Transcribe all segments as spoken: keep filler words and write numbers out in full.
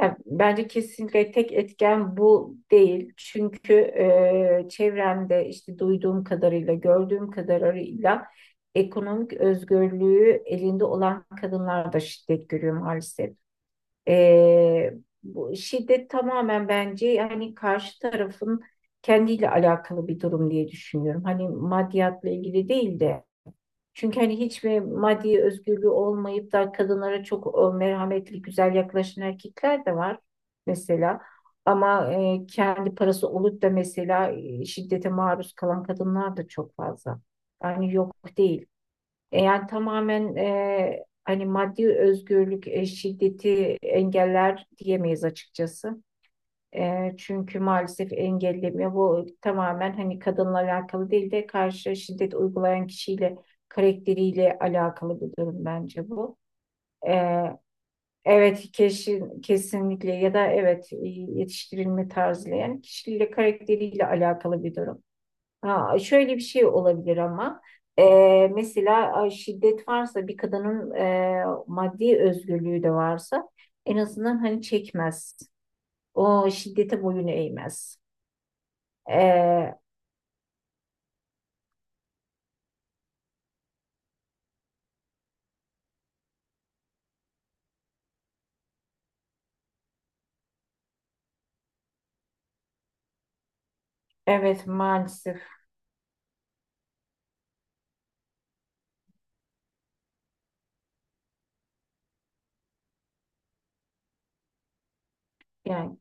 Yani bence kesinlikle tek etken bu değil. Çünkü e, çevremde işte duyduğum kadarıyla, gördüğüm kadarıyla ekonomik özgürlüğü elinde olan kadınlar da şiddet görüyor maalesef. E, Bu şiddet tamamen bence yani karşı tarafın kendiyle alakalı bir durum diye düşünüyorum. Hani maddiyatla ilgili değil de çünkü hani hiçbir maddi özgürlüğü olmayıp da kadınlara çok e, merhametli, güzel yaklaşan erkekler de var mesela. Ama e, kendi parası olup da mesela e, şiddete maruz kalan kadınlar da çok fazla. Yani yok değil. E, yani tamamen e, hani maddi özgürlük e, şiddeti engeller diyemeyiz açıkçası. E, çünkü maalesef engellemiyor. Bu tamamen hani kadınla alakalı değil de karşı şiddet uygulayan kişiyle karakteriyle alakalı bir durum bence bu. E, evet kesin, kesinlikle ya da evet e, yetiştirilme tarzıyla yani kişiyle karakteriyle alakalı bir durum. Ha, şöyle bir şey olabilir ama e, mesela ay, şiddet varsa bir kadının e, maddi özgürlüğü de varsa en azından hani çekmez. O şiddete boyun eğmez. Ee, evet maalesef yani,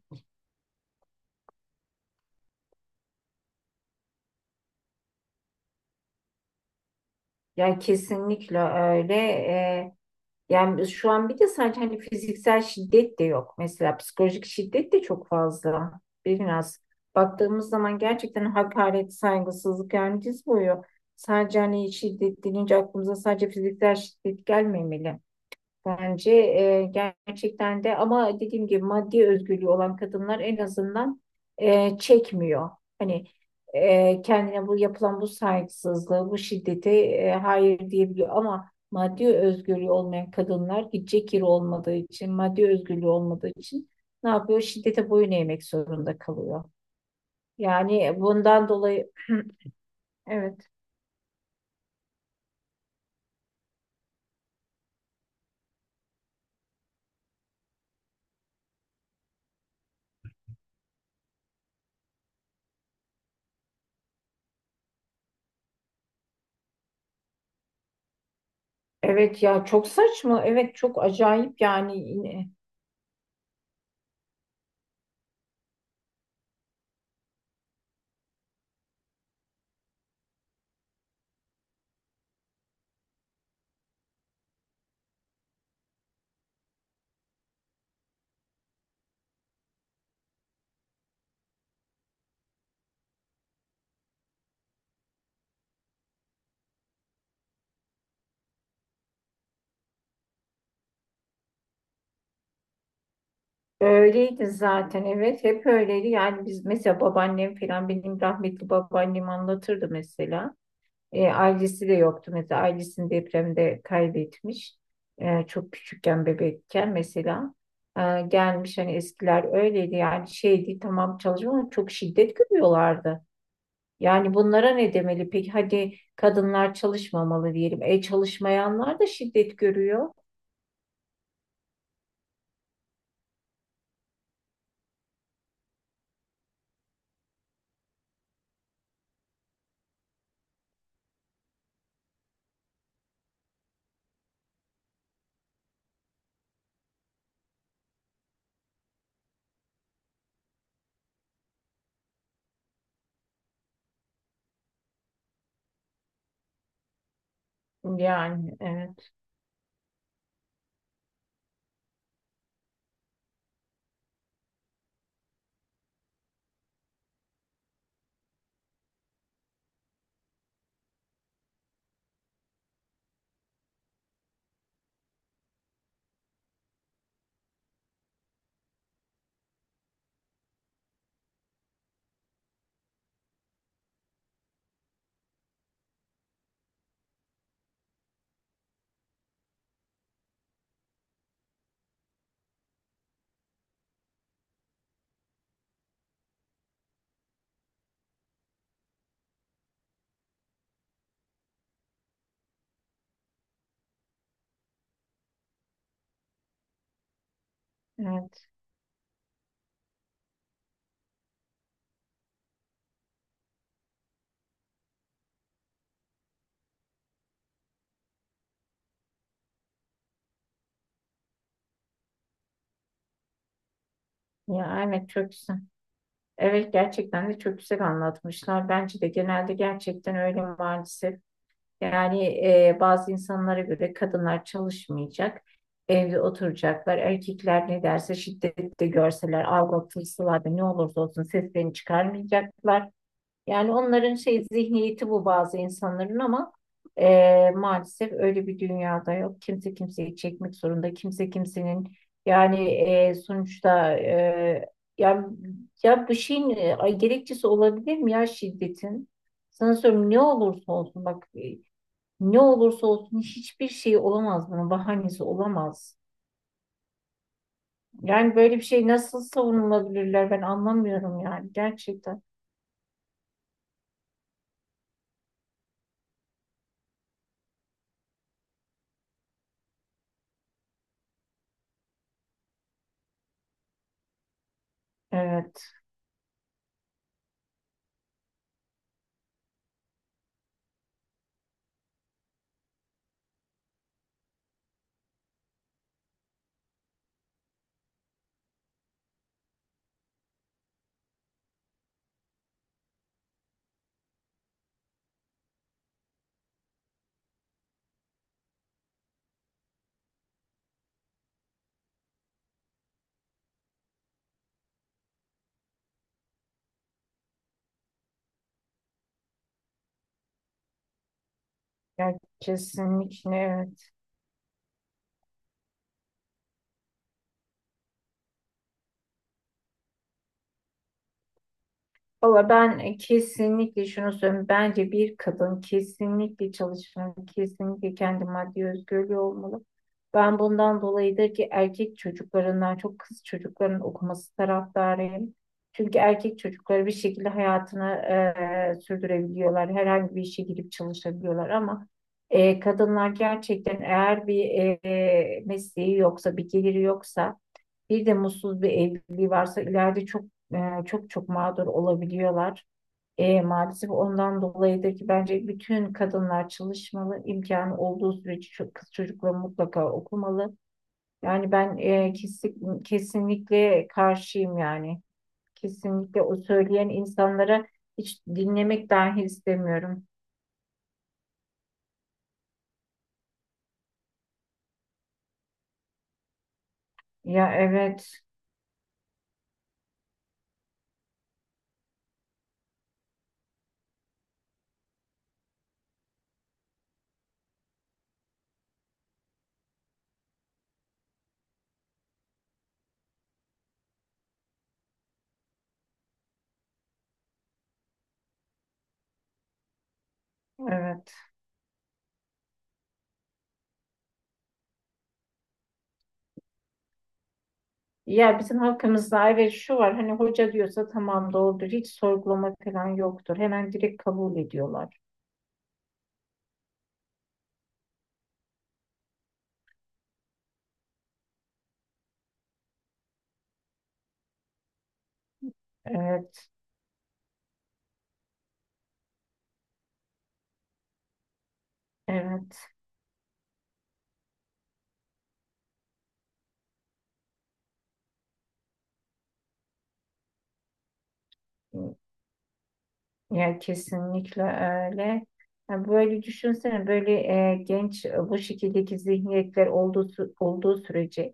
yani kesinlikle öyle. Ee, yani şu an bir de sadece hani fiziksel şiddet de yok. Mesela psikolojik şiddet de çok fazla. Biraz baktığımız zaman gerçekten hakaret, saygısızlık yani diz boyu. Sadece hani şiddet deyince aklımıza sadece fiziksel şiddet gelmemeli. Bence e, gerçekten de ama dediğim gibi maddi özgürlüğü olan kadınlar en azından e, çekmiyor. Hani e, kendine bu yapılan bu saygısızlığı, bu şiddeti e, hayır diyebiliyor ama maddi özgürlüğü olmayan kadınlar gidecek yeri olmadığı için, maddi özgürlüğü olmadığı için ne yapıyor? Şiddete boyun eğmek zorunda kalıyor. Yani bundan dolayı evet. Evet ya çok saçma. Evet çok acayip yani. Öyleydi zaten, evet, hep öyleydi yani biz mesela babaannem falan, benim rahmetli babaannem anlatırdı mesela. E, ailesi de yoktu mesela, ailesini depremde kaybetmiş. E, çok küçükken bebekken mesela. E, gelmiş hani eskiler öyleydi yani şeydi tamam çalışma ama çok şiddet görüyorlardı. Yani bunlara ne demeli peki, hadi kadınlar çalışmamalı diyelim, e çalışmayanlar da şiddet görüyor. Yani evet. Evet ya, evet çok. Evet gerçekten de çok güzel anlatmışlar. Bence de genelde gerçekten öyle maalesef. Yani e, bazı insanlara göre kadınlar çalışmayacak, evde oturacaklar. Erkekler ne derse şiddette görseler, aldatılsalar da ne olursa olsun seslerini çıkarmayacaklar. Yani onların şey zihniyeti bu, bazı insanların ama e, maalesef öyle bir dünyada yok. Kimse kimseyi çekmek zorunda. Kimse kimsenin yani e, sonuçta e, ya, ya bu şeyin e, ay, gerekçesi olabilir mi ya şiddetin? Sana söylüyorum ne olursa olsun bak e, ne olursa olsun hiçbir şey olamaz, bunun bahanesi olamaz. Yani böyle bir şey nasıl savunulabilirler, ben anlamıyorum yani gerçekten. Evet. Yani kesinlikle evet. Valla ben kesinlikle şunu söyleyeyim. Bence bir kadın kesinlikle çalışmalı, kesinlikle kendi maddi özgürlüğü olmalı. Ben bundan dolayıdır ki erkek çocuklarından çok kız çocuklarının okuması taraftarıyım. Çünkü erkek çocukları bir şekilde hayatını eee, sürdürebiliyorlar. Herhangi bir işe girip çalışabiliyorlar ama eee, kadınlar gerçekten eğer bir eee, mesleği yoksa, bir geliri yoksa, bir de mutsuz bir evliliği varsa ileride çok e, çok çok mağdur olabiliyorlar. E, maalesef ondan dolayıdır ki bence bütün kadınlar çalışmalı, imkanı olduğu sürece ço- kız çocukları mutlaka okumalı. Yani ben e, kesin, kesinlikle karşıyım yani. Kesinlikle o söyleyen insanlara hiç dinlemek dahi istemiyorum. Ya evet, evet. Ya bizim halkımızda evet şu var, hani hoca diyorsa tamam doğrudur. Hiç sorgulama falan yoktur. Hemen direkt kabul ediyorlar. Evet, evet. Ya kesinlikle öyle. Ya böyle düşünsene, böyle e, genç e, bu şekildeki zihniyetler olduğu, sü- olduğu sürece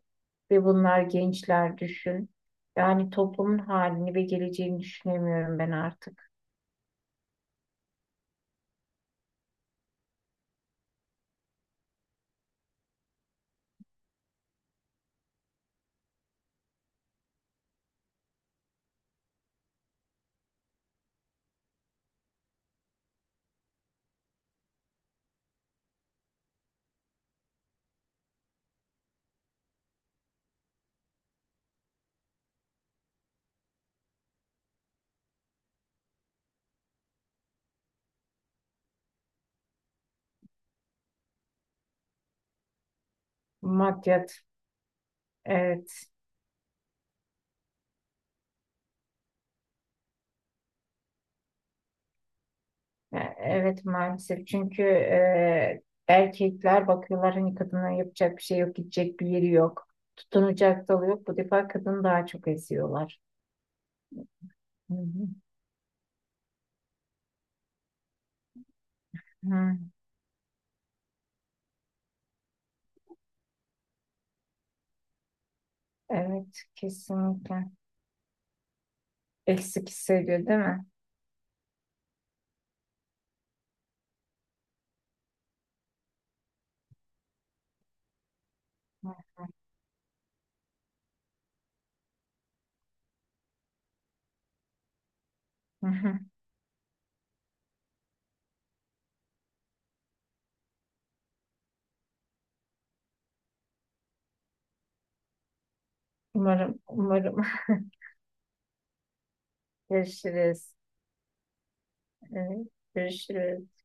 ve bunlar gençler, düşün. Yani toplumun halini ve geleceğini düşünemiyorum ben artık. Maddiyat, evet. Ya, evet maalesef çünkü e, erkekler bakıyorlar hani kadına yapacak bir şey yok, gidecek bir yeri yok, tutunacak dalı yok, bu defa kadını daha çok eziyorlar. Hı hı. Hı, evet kesinlikle. Eksik hissediyor değil mi? Hı hı. Umarım, umarım. Görüşürüz. Evet, görüşürüz.